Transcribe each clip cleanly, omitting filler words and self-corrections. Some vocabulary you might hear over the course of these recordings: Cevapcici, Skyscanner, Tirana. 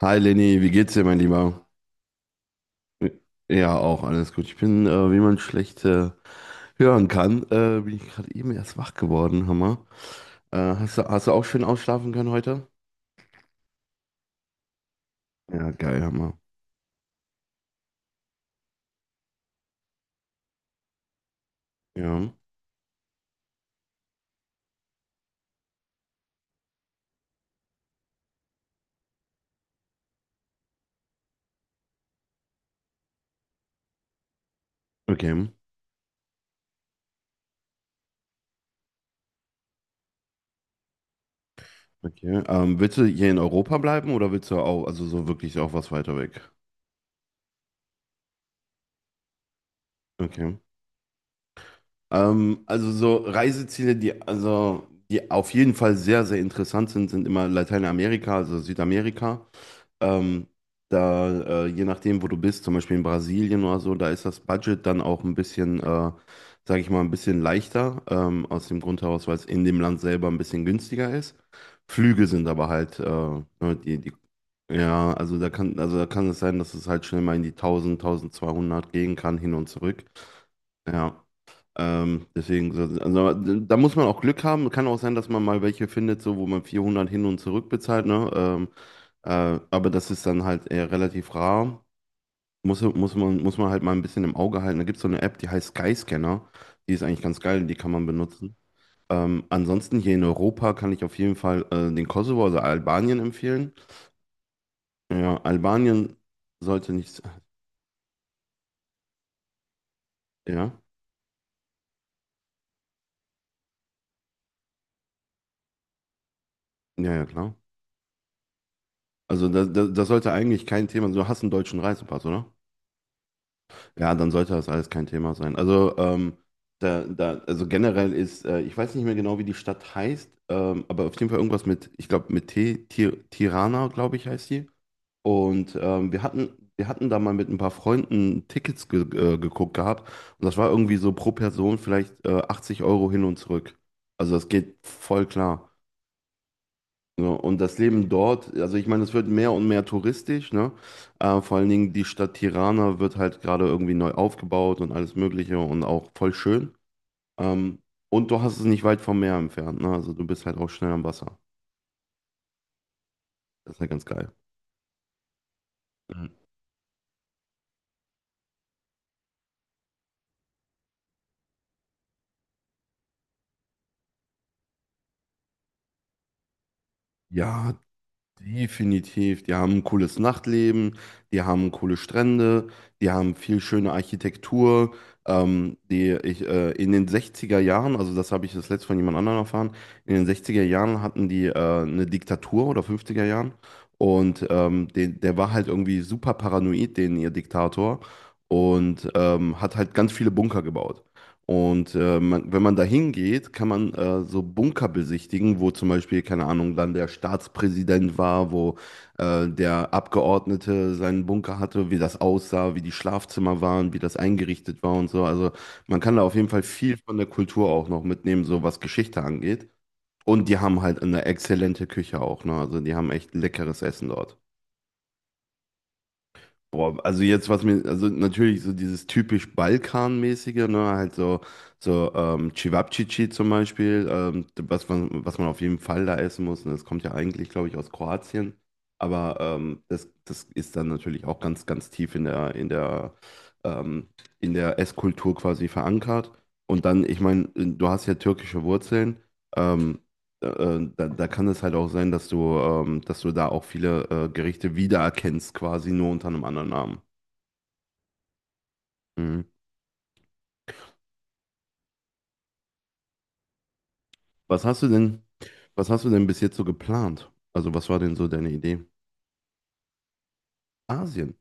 Hi Lenny, wie geht's dir, mein Lieber? Ja, auch alles gut. Ich bin, wie man schlecht hören kann, bin ich gerade eben erst wach geworden, Hammer. Hast du auch schön ausschlafen können heute? Ja, geil, Hammer. Ja, okay. Okay. Willst du hier in Europa bleiben oder willst du auch, also so wirklich auch was weiter weg? Okay. Also so Reiseziele, die auf jeden Fall sehr, sehr interessant sind, sind immer Lateinamerika, also Südamerika. Ähm, da, je nachdem, wo du bist, zum Beispiel in Brasilien oder so, da ist das Budget dann auch ein bisschen, sage ich mal, ein bisschen leichter, aus dem Grund heraus, weil es in dem Land selber ein bisschen günstiger ist. Flüge sind aber halt, ne, ja, also da kann es sein, dass es halt schnell mal in die 1000 1200 gehen kann, hin und zurück. Ja, deswegen, also, da muss man auch Glück haben. Kann auch sein, dass man mal welche findet, so, wo man 400 hin und zurück bezahlt, ne? Aber das ist dann halt eher relativ rar. Muss man halt mal ein bisschen im Auge halten. Da gibt es so eine App, die heißt Skyscanner. Die ist eigentlich ganz geil, die kann man benutzen. Ansonsten hier in Europa kann ich auf jeden Fall den Kosovo, also Albanien empfehlen. Ja, Albanien sollte nicht. Ja, ja, ja, klar. Also das sollte eigentlich kein Thema. Du hast einen deutschen Reisepass, oder? Ja, dann sollte das alles kein Thema sein. Also, da, also generell ist, ich weiß nicht mehr genau, wie die Stadt heißt, aber auf jeden Fall irgendwas mit, ich glaube, mit Tirana, glaube ich, heißt die. Und wir hatten da mal mit ein paar Freunden Tickets ge geguckt gehabt. Und das war irgendwie so pro Person vielleicht 80 € hin und zurück. Also das geht voll klar. So, und das Leben dort, also ich meine, es wird mehr und mehr touristisch, ne? Vor allen Dingen die Stadt Tirana wird halt gerade irgendwie neu aufgebaut und alles Mögliche und auch voll schön. Ähm, und du hast es nicht weit vom Meer entfernt, ne? Also du bist halt auch schnell am Wasser. Das ist halt ganz geil. Mhm. Ja, definitiv. Die haben ein cooles Nachtleben, die haben coole Strände, die haben viel schöne Architektur, die ich in den 60er Jahren, also das habe ich das letzte von jemand anderem erfahren, in den 60er Jahren hatten die eine Diktatur oder 50er Jahren, und den, der war halt irgendwie super paranoid, den ihr Diktator, und hat halt ganz viele Bunker gebaut. Und man, wenn man da hingeht, kann man so Bunker besichtigen, wo zum Beispiel, keine Ahnung, dann der Staatspräsident war, wo der Abgeordnete seinen Bunker hatte, wie das aussah, wie die Schlafzimmer waren, wie das eingerichtet war und so. Also man kann da auf jeden Fall viel von der Kultur auch noch mitnehmen, so was Geschichte angeht. Und die haben halt eine exzellente Küche auch, ne? Also die haben echt leckeres Essen dort. Boah, also jetzt, was mir, also natürlich so dieses typisch Balkanmäßige, ne, halt so, Cevapcici zum Beispiel, was man auf jeden Fall da essen muss. Und das kommt ja eigentlich, glaube ich, aus Kroatien. Aber das ist dann natürlich auch ganz, ganz tief in der, ähm, in der Esskultur quasi verankert. Und dann, ich meine, du hast ja türkische Wurzeln. Ähm, da kann es halt auch sein, dass du da auch viele Gerichte wiedererkennst, quasi nur unter einem anderen Namen. Mhm. Was hast du denn, was hast du denn bis jetzt so geplant? Also was war denn so deine Idee? Asien.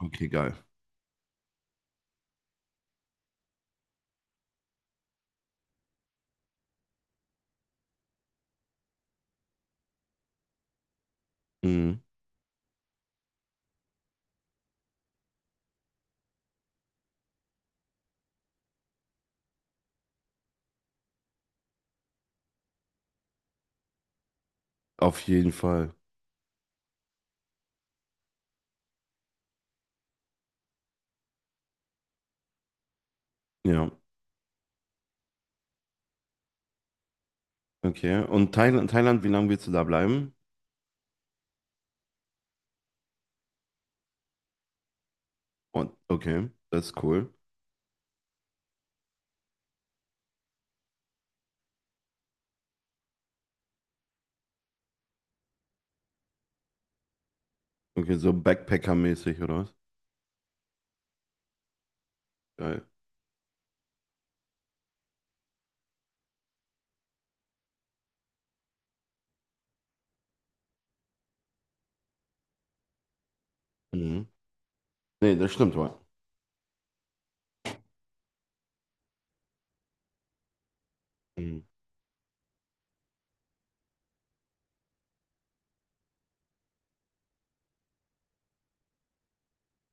Okay, geil. Mhm. Auf jeden Fall. Ja. Okay. Und Thailand, Thailand, wie lange willst du da bleiben? Und okay, das ist cool. Okay, so Backpacker-mäßig, oder was? Geil. Mhm. Nee, das stimmt wohl.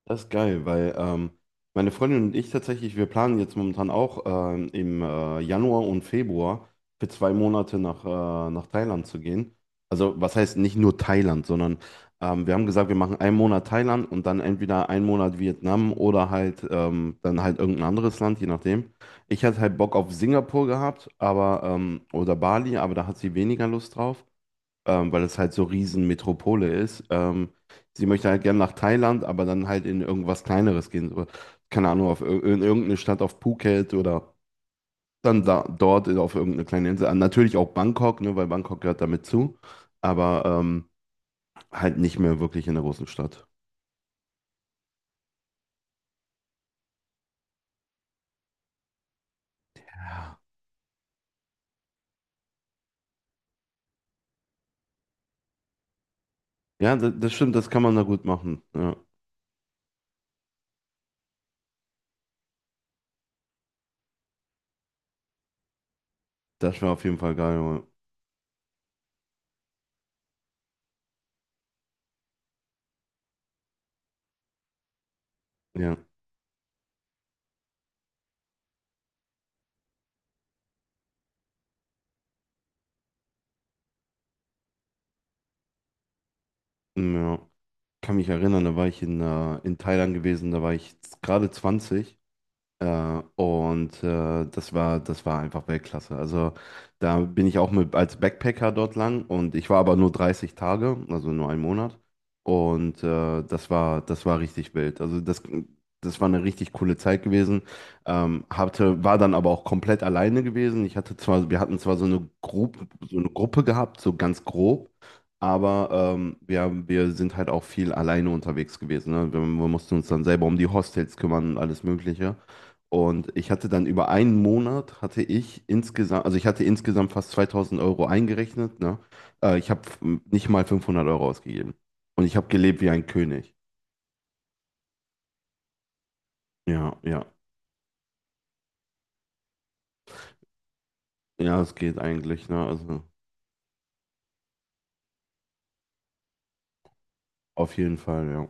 Das ist geil, weil meine Freundin und ich tatsächlich, wir planen jetzt momentan auch im Januar und Februar für 2 Monate nach, nach Thailand zu gehen. Also was heißt nicht nur Thailand, sondern wir haben gesagt, wir machen einen Monat Thailand und dann entweder einen Monat Vietnam oder halt dann halt irgendein anderes Land, je nachdem. Ich hatte halt Bock auf Singapur gehabt, aber oder Bali, aber da hat sie weniger Lust drauf, weil es halt so riesen Metropole ist. Sie möchte halt gern nach Thailand, aber dann halt in irgendwas Kleineres gehen. So, keine Ahnung, auf, in irgendeine Stadt auf Phuket oder dann da, dort auf irgendeine kleine Insel. Ah, natürlich auch Bangkok, ne, weil Bangkok gehört damit zu, aber halt nicht mehr wirklich in der großen Stadt. Ja. Ja, das stimmt, das kann man da gut machen. Ja, das war auf jeden Fall geil. Junge. Ja, mm, ja. Kann mich erinnern, da war ich in Thailand gewesen, da war ich gerade 20. Und das war einfach Weltklasse. Also da bin ich auch mit als Backpacker dort lang, und ich war aber nur 30 Tage, also nur einen Monat. Und das war richtig wild. Also das war eine richtig coole Zeit gewesen. War dann aber auch komplett alleine gewesen. Wir hatten zwar so eine Gruppe, gehabt, so ganz grob. Aber ähm, wir, wir sind halt auch viel alleine unterwegs gewesen. Ne? Wir mussten uns dann selber um die Hostels kümmern und alles Mögliche. Und ich hatte dann über einen Monat, also ich hatte insgesamt fast 2000 € eingerechnet, ne? Ich habe nicht mal 500 € ausgegeben. Und ich habe gelebt wie ein König. Ja, ja. Ja, es geht eigentlich, ne? Also auf jeden Fall, ja.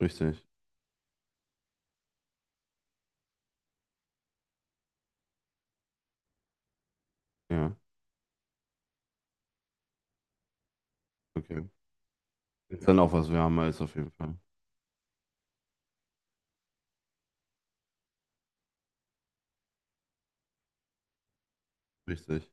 Richtig. Ja, okay. Ist dann auch was wärmer ist auf jeden Fall. Richtig.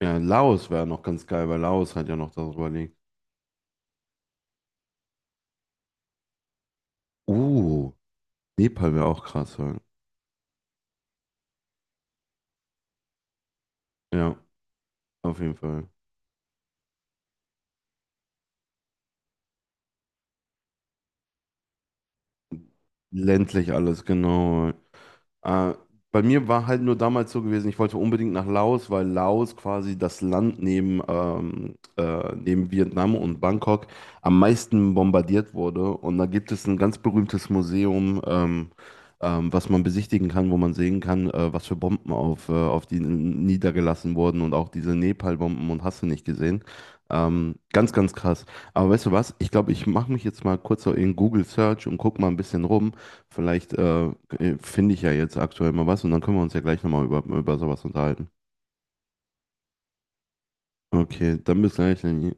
Ja, Laos wäre noch ganz geil, weil Laos hat ja noch darüber liegt. Uh, Nepal wäre auch krass, ja. Ja, auf jeden Fall. Ländlich alles, genau. Äh, bei mir war halt nur damals so gewesen, ich wollte unbedingt nach Laos, weil Laos quasi das Land neben Vietnam und Bangkok am meisten bombardiert wurde. Und da gibt es ein ganz berühmtes Museum, was man besichtigen kann, wo man sehen kann, was für Bomben auf die niedergelassen wurden und auch diese Nepal-Bomben und hast du nicht gesehen. Ganz, ganz krass. Aber weißt du was? Ich glaube, ich mache mich jetzt mal kurz so in Google Search und guck mal ein bisschen rum. Vielleicht finde ich ja jetzt aktuell mal was, und dann können wir uns ja gleich nochmal über sowas unterhalten. Okay, dann bis gleich, Lenny.